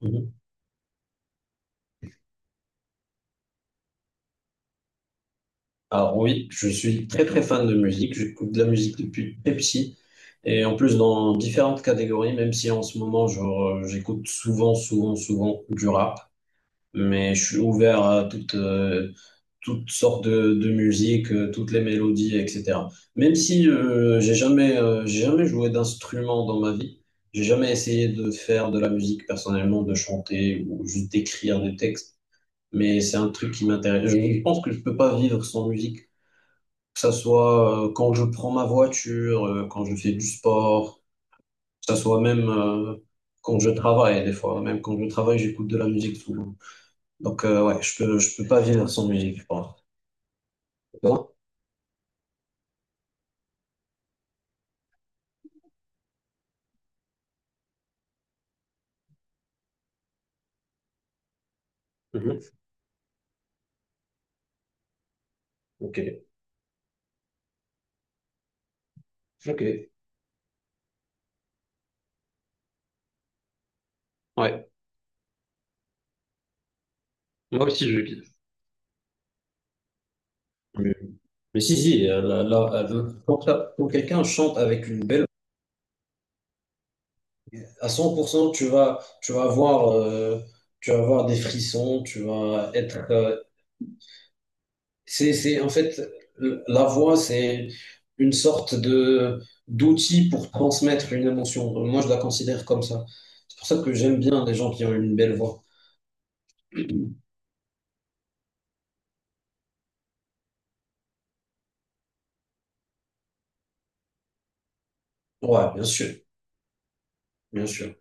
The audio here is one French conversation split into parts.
Mhm. Alors oui, je suis très très fan de musique, j'écoute de la musique depuis très petit et en plus dans différentes catégories, même si en ce moment genre j'écoute souvent souvent souvent du rap, mais je suis ouvert à toutes toutes sortes de musique, toutes les mélodies, etc. Même si j'ai jamais j'ai jamais joué d'instrument dans ma vie, j'ai jamais essayé de faire de la musique personnellement, de chanter ou juste d'écrire des textes, mais c'est un truc qui m'intéresse. Je pense que je peux pas vivre sans musique. Que ça soit quand je prends ma voiture, quand je fais du sport, que ça soit même quand je travaille des fois, même quand je travaille, j'écoute de la musique souvent. Donc ouais, je peux pas vivre sans musique, je pense. Toi? Mhm. Ok, ok. Ouais, moi aussi je kiffe. Mais, mais si, si, là, là, quand, ça- quand quelqu'un chante avec une belle... À 100%, tu vas avoir, tu vas avoir des frissons, tu vas être C'est, c'est, en fait, la voix, c'est une sorte de d'outil pour transmettre une émotion. Moi, je la considère comme ça. C'est pour ça que j'aime bien les gens qui ont une belle voix. Ouais, bien sûr, bien sûr.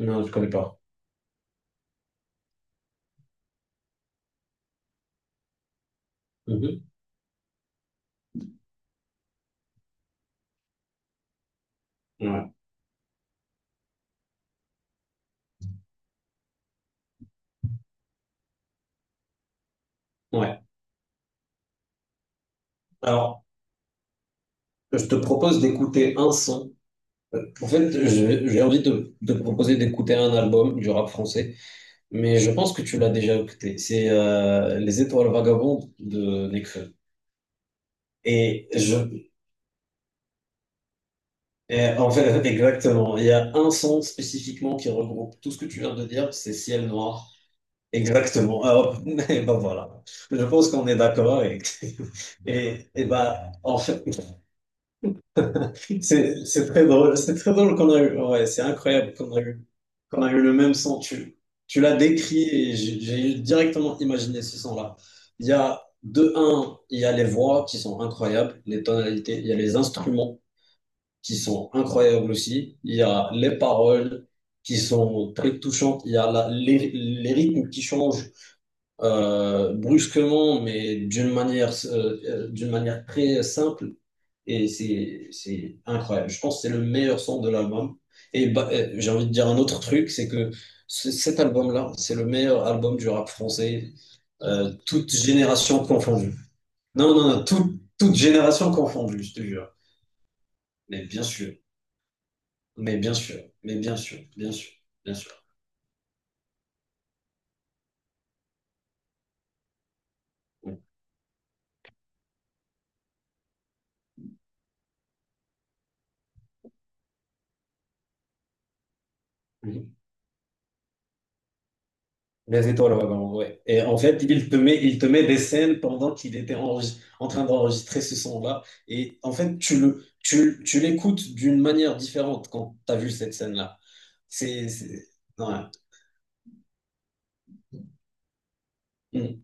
Non, je connais pas. Mhm. Ouais, ouais. Alors, je te propose d'écouter un son. En fait, j'ai envie de te proposer d'écouter un album du rap français, mais je pense que tu l'as déjà écouté. C'est Les Étoiles Vagabondes de Nekfeu. Et je, Et en fait, exactement. Il y a un son spécifiquement qui regroupe tout ce que tu viens de dire, c'est Ciel Noir. Exactement. Ah, hop. Et ben voilà. Je pense qu'on est d'accord avec. Et ben, en fait, c'est très drôle. C'est très drôle qu'on a eu. Ouais, c'est incroyable qu'on a eu le même son. Tu l'as décrit et j'ai directement imaginé ce son-là. Il y a, de un, il y a les voix qui sont incroyables, les tonalités, il y a les instruments qui sont incroyables aussi. Il y a les paroles qui sont très touchantes. Il y a les rythmes qui changent brusquement, mais d'une manière très simple. Et c'est incroyable. Je pense que c'est le meilleur son de l'album. Et bah, j'ai envie de dire un autre truc, c'est que cet album-là, c'est le meilleur album du rap français, toute génération confondue. Non, non, non, toute, toute génération confondue, je te jure. Mais bien sûr. Mais bien sûr, mais bien sûr, bien sûr, bien sûr. Oui. Mhm. Les étoiles, ouais, vraiment, ouais. Et en fait, il te met des scènes pendant en train d'enregistrer ce son-là. Et en fait, tu l'écoutes d'une manière différente quand tu as vu cette scène-là. C'est, c'est- ouais. Mhm.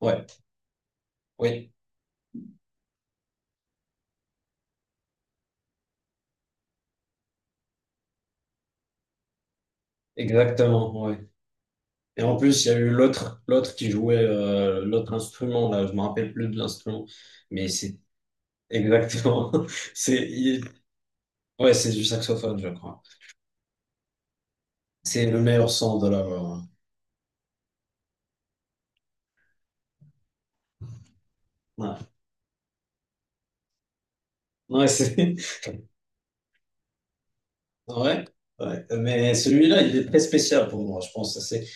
Ouais, oui, exactement, ouais. Et en plus, il y a eu l'autre qui jouait l'autre instrument, là, je me rappelle plus de l'instrument, mais c'est exactement, c'est, il- ouais, c'est du saxophone, je crois. C'est le meilleur son de l'album. Ouais, ouais c'est ouais, ouais. Mais celui-là, il est très spécial pour moi, je pense. C'est...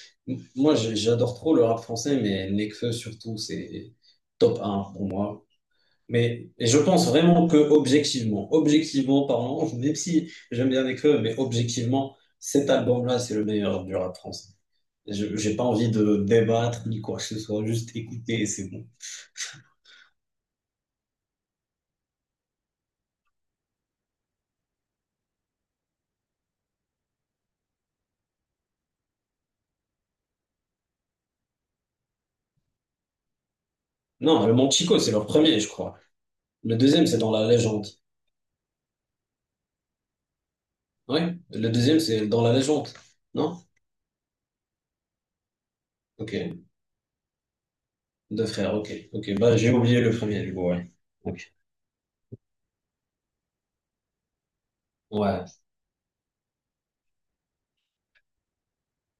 Moi, j'adore trop le rap français, mais Nekfeu surtout, c'est top un pour moi. Mais et je pense vraiment que objectivement, objectivement parlant, même si j'aime bien écrire, mais objectivement, cet album-là, c'est le meilleur du rap français. J'ai pas envie de débattre ni quoi que ce soit, juste écouter et c'est bon. Non, le Manchico, c'est leur premier, je crois. Le deuxième, c'est dans la légende. Oui, le deuxième, c'est dans la légende. Non? Ok. Deux frères, ok. Ok, bah j'ai oublié le premier du coup, ouais. Ok. Ouais.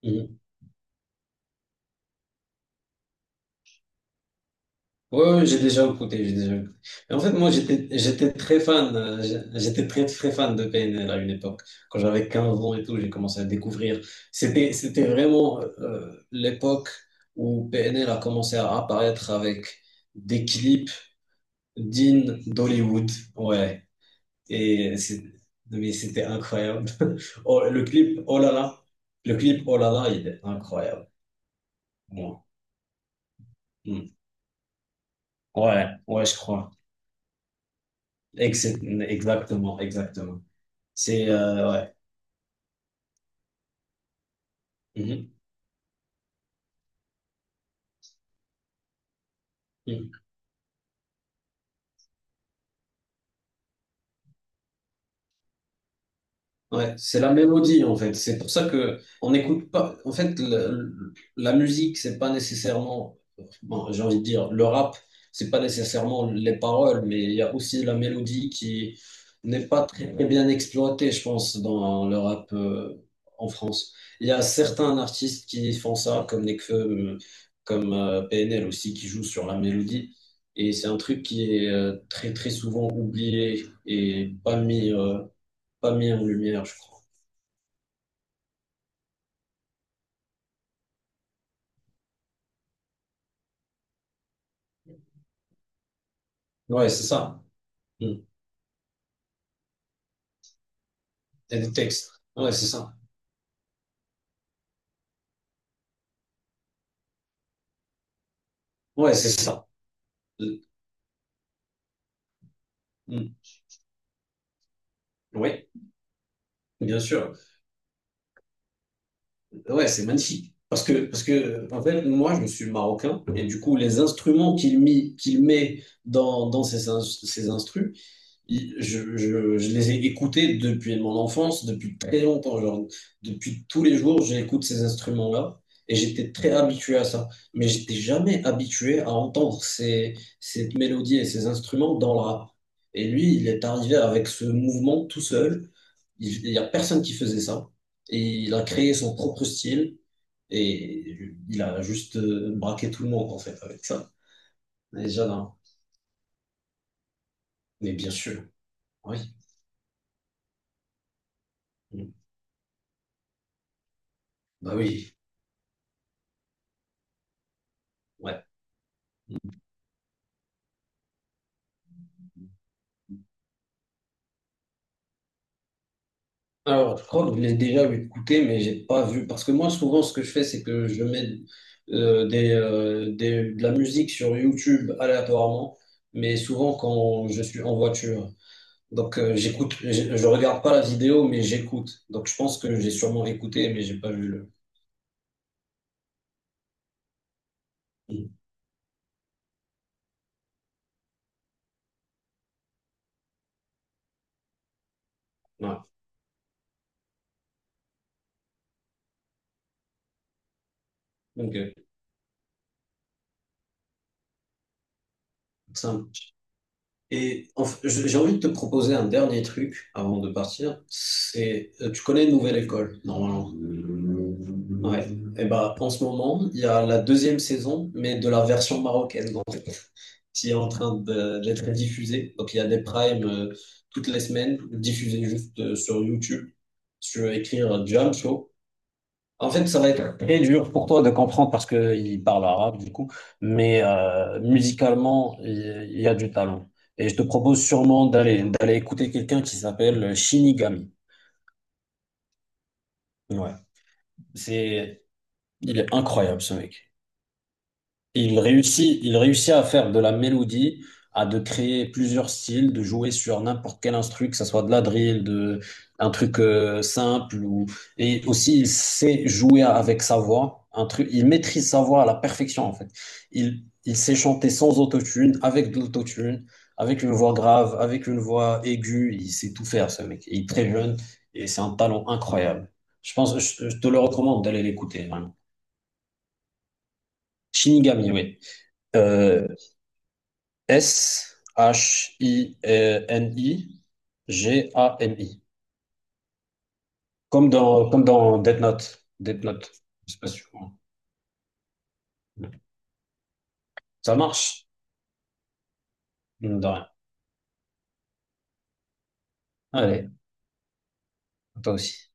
Mhm. Ouais, ouais, j'ai déjà écouté, j'ai déjà écouté. Mais en fait, moi, j'étais très fan, j'étais très, très fan de PNL à une époque. Quand j'avais 15 ans et tout, j'ai commencé à découvrir. C'était vraiment l'époque où PNL a commencé à apparaître avec des clips dignes d'Hollywood. Ouais. Et c'est, mais c'était incroyable. Oh, le clip, oh là là. Le clip, oh là là, il est incroyable. Hmm. Ouais, ouais, je crois. Ex- exactement, exactement. C'est, ouais. Mhm. Hmm. Ouais, c'est la mélodie en fait. C'est pour ça que on n'écoute pas. En fait, la musique, c'est pas nécessairement. Bon, j'ai envie de dire, le rap, c'est pas nécessairement les paroles, mais il y a aussi la mélodie qui n'est pas très, très bien exploitée, je pense, dans le rap en France. Il y a certains artistes qui font ça, comme Nekfeu, comme PNL aussi, qui jouent sur la mélodie. Et c'est un truc qui est très très souvent oublié et pas mis pas mis en lumière, je crois. Ouais, c'est ça. Mm. Et des textes. Ouais, c'est ça. Ouais, c'est ça. Mm. Ouais, bien sûr. Ouais, c'est magnifique. Parce que, en fait, moi, je suis marocain, et du coup, les instruments qu'il met dans ces ses instrus, je les ai écoutés depuis mon enfance, depuis très longtemps. Genre, depuis tous les jours, j'écoute ces instruments-là et j'étais très habitué à ça. Mais j'étais jamais habitué à entendre cette mélodie et ces instruments dans le rap. Et lui, il est arrivé avec ce mouvement tout seul. Il n'y a personne qui faisait ça. Et il a créé son propre style et il a juste braqué tout le monde en fait avec ça. Déjà là. Mais bien sûr, oui. Bah oui, ouais. Alors, je crois que je l'ai déjà écouté, mais j'ai pas vu. Parce que moi, souvent, ce que je fais, c'est que je mets de la musique sur YouTube aléatoirement, mais souvent quand je suis en voiture. Donc, j'écoute, je regarde pas la vidéo, mais j'écoute. Donc, je pense que j'ai sûrement écouté, mais j'ai pas vu le. Mm. Ouais. Ok. Simple. Et en j'ai envie de te proposer un dernier truc avant de partir. C'est, tu connais Nouvelle École, normalement. Ouais. Et bah, en ce moment, il y a la deuxième saison, mais de la version marocaine, donc, qui est en train d'être diffusée. Donc, il y a des primes toutes les semaines, diffusées juste sur YouTube. Si tu veux écrire Jam Show. En fait, ça va être très dur pour toi de comprendre parce qu'il parle arabe, du coup. Mais musicalement, il y a du talent. Et je te propose sûrement d'aller écouter quelqu'un qui s'appelle Shinigami. Ouais. C'est, il est incroyable ce mec. Il réussit à faire de la mélodie, à de créer plusieurs styles, de jouer sur n'importe quel instru, que ça soit de la drill, de un truc simple ou et aussi il sait jouer avec sa voix, un truc, il maîtrise sa voix à la perfection en fait. Il sait chanter sans autotune, avec de l'autotune, avec une voix grave, avec une voix aiguë, il sait tout faire ce mec. Il est très jeune et c'est un talent incroyable. Je pense, je te le recommande d'aller l'écouter, vraiment. Shinigami, oui. Euh, S-H-I-N-I-G-A-M-I. Comme dans Death Note. Death Note. Je sais pas sûr. Ça marche? Mine de rien. Allez, toi aussi.